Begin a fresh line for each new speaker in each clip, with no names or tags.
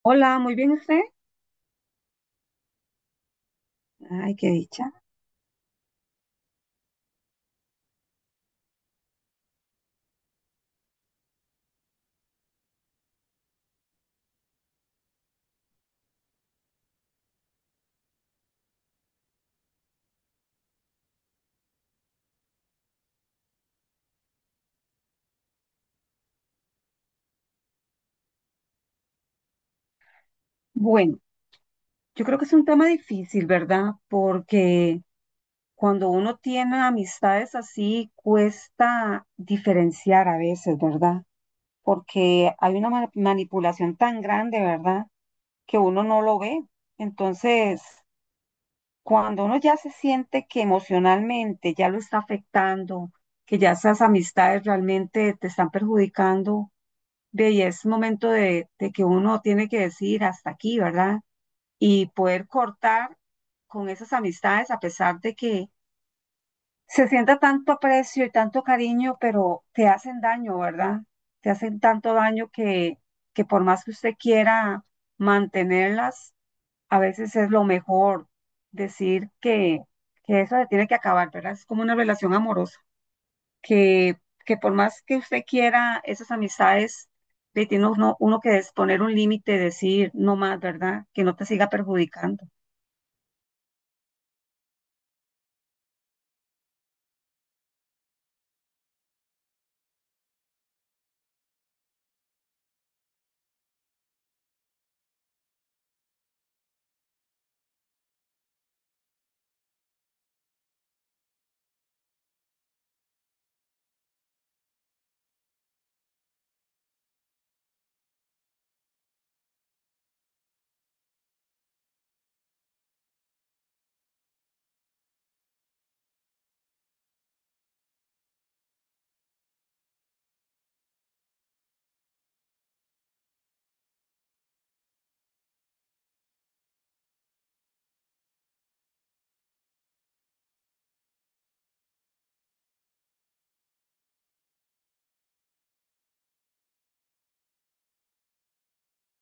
Hola, muy bien usted. Ay, qué dicha. Bueno, yo creo que es un tema difícil, ¿verdad? Porque cuando uno tiene amistades así, cuesta diferenciar a veces, ¿verdad? Porque hay una manipulación tan grande, ¿verdad? Que uno no lo ve. Entonces, cuando uno ya se siente que emocionalmente ya lo está afectando, que ya esas amistades realmente te están perjudicando, ve, y es momento de que uno tiene que decir hasta aquí, ¿verdad? Y poder cortar con esas amistades a pesar de que se sienta tanto aprecio y tanto cariño, pero te hacen daño, ¿verdad? Te hacen tanto daño que por más que usted quiera mantenerlas, a veces es lo mejor decir que eso se tiene que acabar, ¿verdad? Es como una relación amorosa, que, que por más que usted quiera esas amistades, le tiene uno que poner un límite, decir no más, ¿verdad? Que no te siga perjudicando.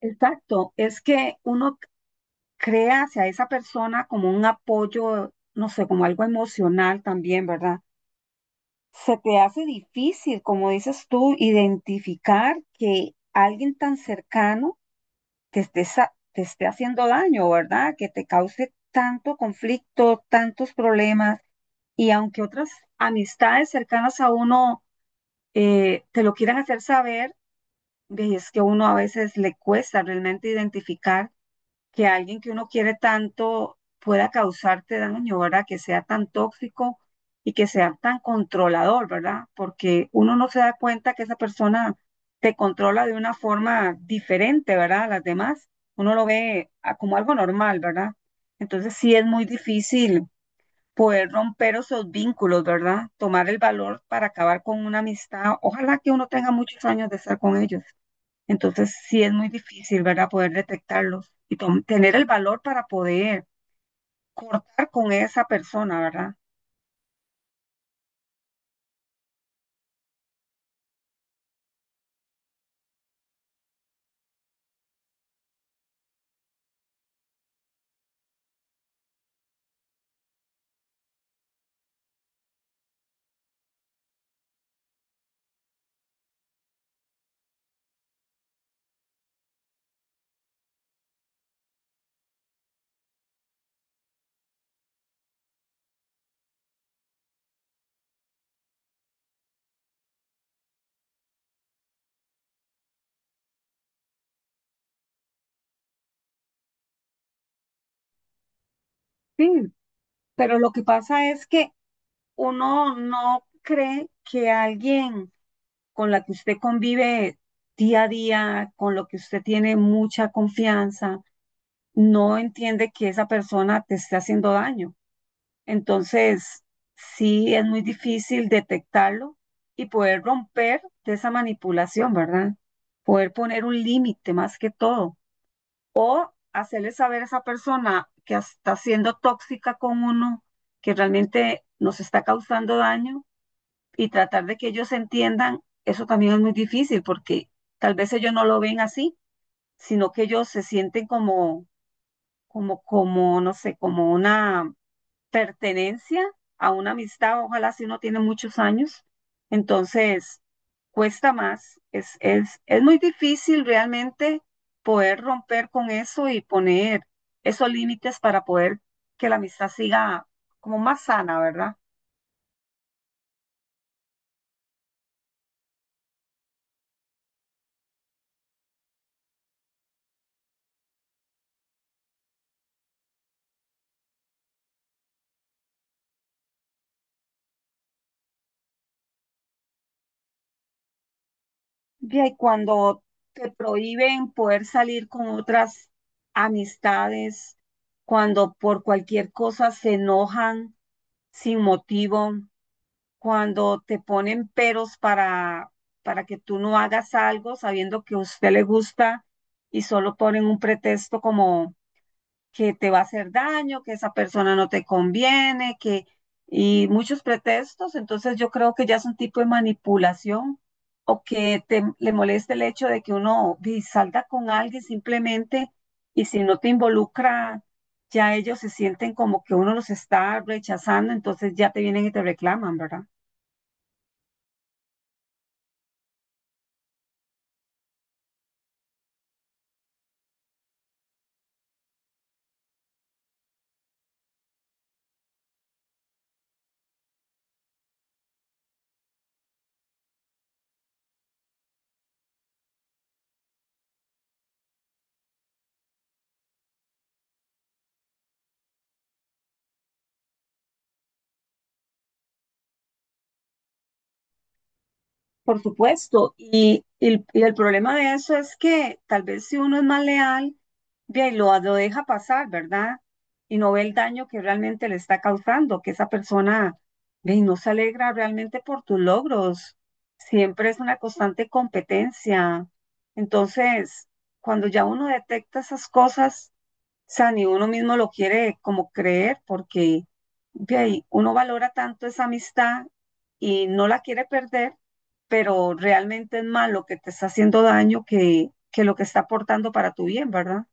Exacto, es que uno crea hacia esa persona como un apoyo, no sé, como algo emocional también, ¿verdad? Se te hace difícil, como dices tú, identificar que alguien tan cercano te te esté haciendo daño, ¿verdad? Que te cause tanto conflicto, tantos problemas, y aunque otras amistades cercanas a uno te lo quieran hacer saber, ve, es que uno a veces le cuesta realmente identificar que alguien que uno quiere tanto pueda causarte daño, ¿verdad? Que sea tan tóxico y que sea tan controlador, ¿verdad? Porque uno no se da cuenta que esa persona te controla de una forma diferente, ¿verdad? A las demás, uno lo ve como algo normal, ¿verdad? Entonces sí es muy difícil poder romper esos vínculos, ¿verdad? Tomar el valor para acabar con una amistad. Ojalá que uno tenga muchos años de estar con ellos. Entonces sí es muy difícil, ¿verdad? Poder detectarlos y tener el valor para poder cortar con esa persona, ¿verdad? Sí, pero lo que pasa es que uno no cree que alguien con la que usted convive día a día, con lo que usted tiene mucha confianza, no entiende que esa persona te está haciendo daño. Entonces, sí es muy difícil detectarlo y poder romper de esa manipulación, ¿verdad? Poder poner un límite más que todo, hacerle saber a esa persona que está siendo tóxica con uno, que realmente nos está causando daño y tratar de que ellos entiendan, eso también es muy difícil porque tal vez ellos no lo ven así, sino que ellos se sienten como, no sé, como una pertenencia a una amistad, ojalá si uno tiene muchos años, entonces cuesta más, es muy difícil realmente poder romper con eso y poner esos límites para poder que la amistad siga como más sana, ¿verdad? Ya. Y cuando te prohíben poder salir con otras amistades, cuando por cualquier cosa se enojan sin motivo, cuando te ponen peros para que tú no hagas algo sabiendo que a usted le gusta y solo ponen un pretexto como que te va a hacer daño, que esa persona no te conviene, que y muchos pretextos, entonces yo creo que ya es un tipo de manipulación o que te, le moleste el hecho de que uno di, salga con alguien simplemente y si no te involucra, ya ellos se sienten como que uno los está rechazando, entonces ya te vienen y te reclaman, ¿verdad? Por supuesto, y el problema de eso es que tal vez si uno es más leal, bien, lo deja pasar, ¿verdad? Y no ve el daño que realmente le está causando, que esa persona bien, no se alegra realmente por tus logros. Siempre es una constante competencia. Entonces, cuando ya uno detecta esas cosas, o sea, ni uno mismo lo quiere como creer porque ve ahí, uno valora tanto esa amistad y no la quiere perder, pero realmente es más lo que te está haciendo daño que lo que está aportando para tu bien, ¿verdad?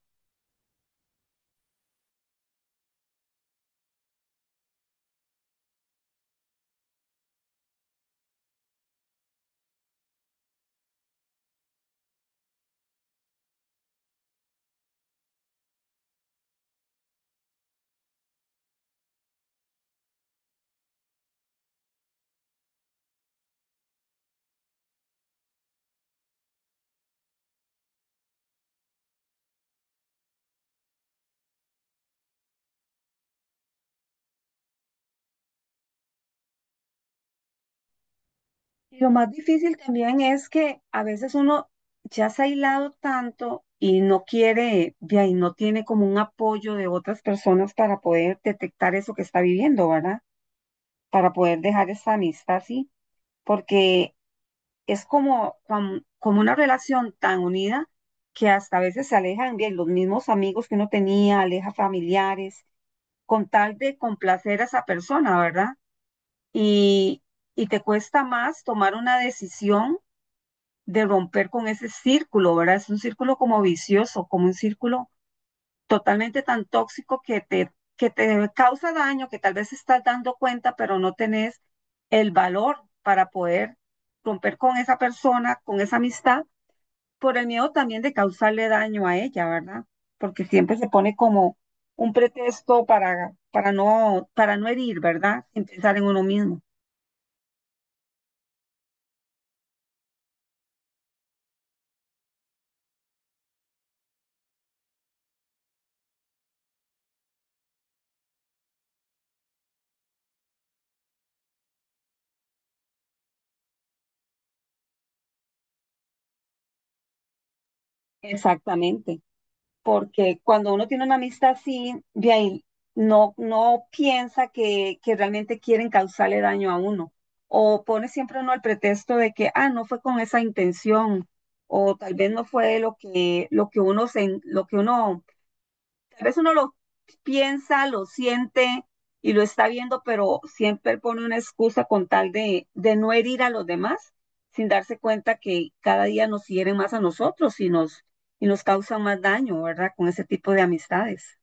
Y lo más difícil también es que a veces uno ya se ha aislado tanto y no quiere, de ahí no tiene como un apoyo de otras personas para poder detectar eso que está viviendo, ¿verdad? Para poder dejar esa amistad así, porque es como una relación tan unida que hasta a veces se alejan bien los mismos amigos que uno tenía, aleja familiares, con tal de complacer a esa persona, ¿verdad? Y, y te cuesta más tomar una decisión de romper con ese círculo, ¿verdad? Es un círculo como vicioso, como un círculo totalmente tan tóxico que te causa daño, que tal vez estás dando cuenta, pero no tenés el valor para poder romper con esa persona, con esa amistad por el miedo también de causarle daño a ella, ¿verdad? Porque siempre se pone como un pretexto para no herir, ¿verdad? Sin pensar en uno mismo. Exactamente. Porque cuando uno tiene una amistad así, de ahí no piensa que realmente quieren causarle daño a uno. O pone siempre uno el pretexto de que, ah, no fue con esa intención, o tal vez no fue lo que uno a veces uno lo piensa, lo siente y lo está viendo, pero siempre pone una excusa con tal de no herir a los demás, sin darse cuenta que cada día nos hieren más a nosotros y nos causan más daño, ¿verdad? Con ese tipo de amistades.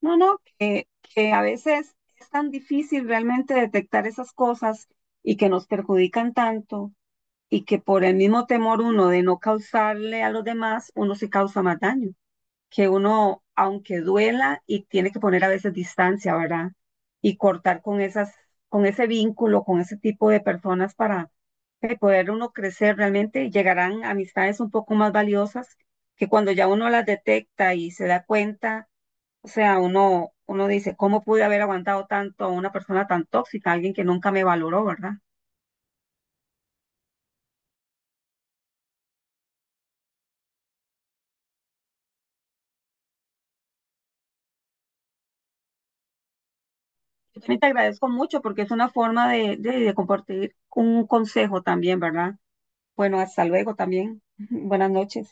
No, no, que a veces es tan difícil realmente detectar esas cosas y que nos perjudican tanto y que por el mismo temor uno de no causarle a los demás, uno se causa más daño. Que uno, aunque duela, y tiene que poner a veces distancia, ¿verdad? Y cortar con esas, con ese vínculo, con ese tipo de personas para poder uno crecer realmente, llegarán amistades un poco más valiosas que cuando ya uno las detecta y se da cuenta, o sea, uno dice, ¿cómo pude haber aguantado tanto a una persona tan tóxica, alguien que nunca me valoró, ¿verdad? Yo también te agradezco mucho porque es una forma de compartir un consejo también, ¿verdad? Bueno, hasta luego también. Buenas noches.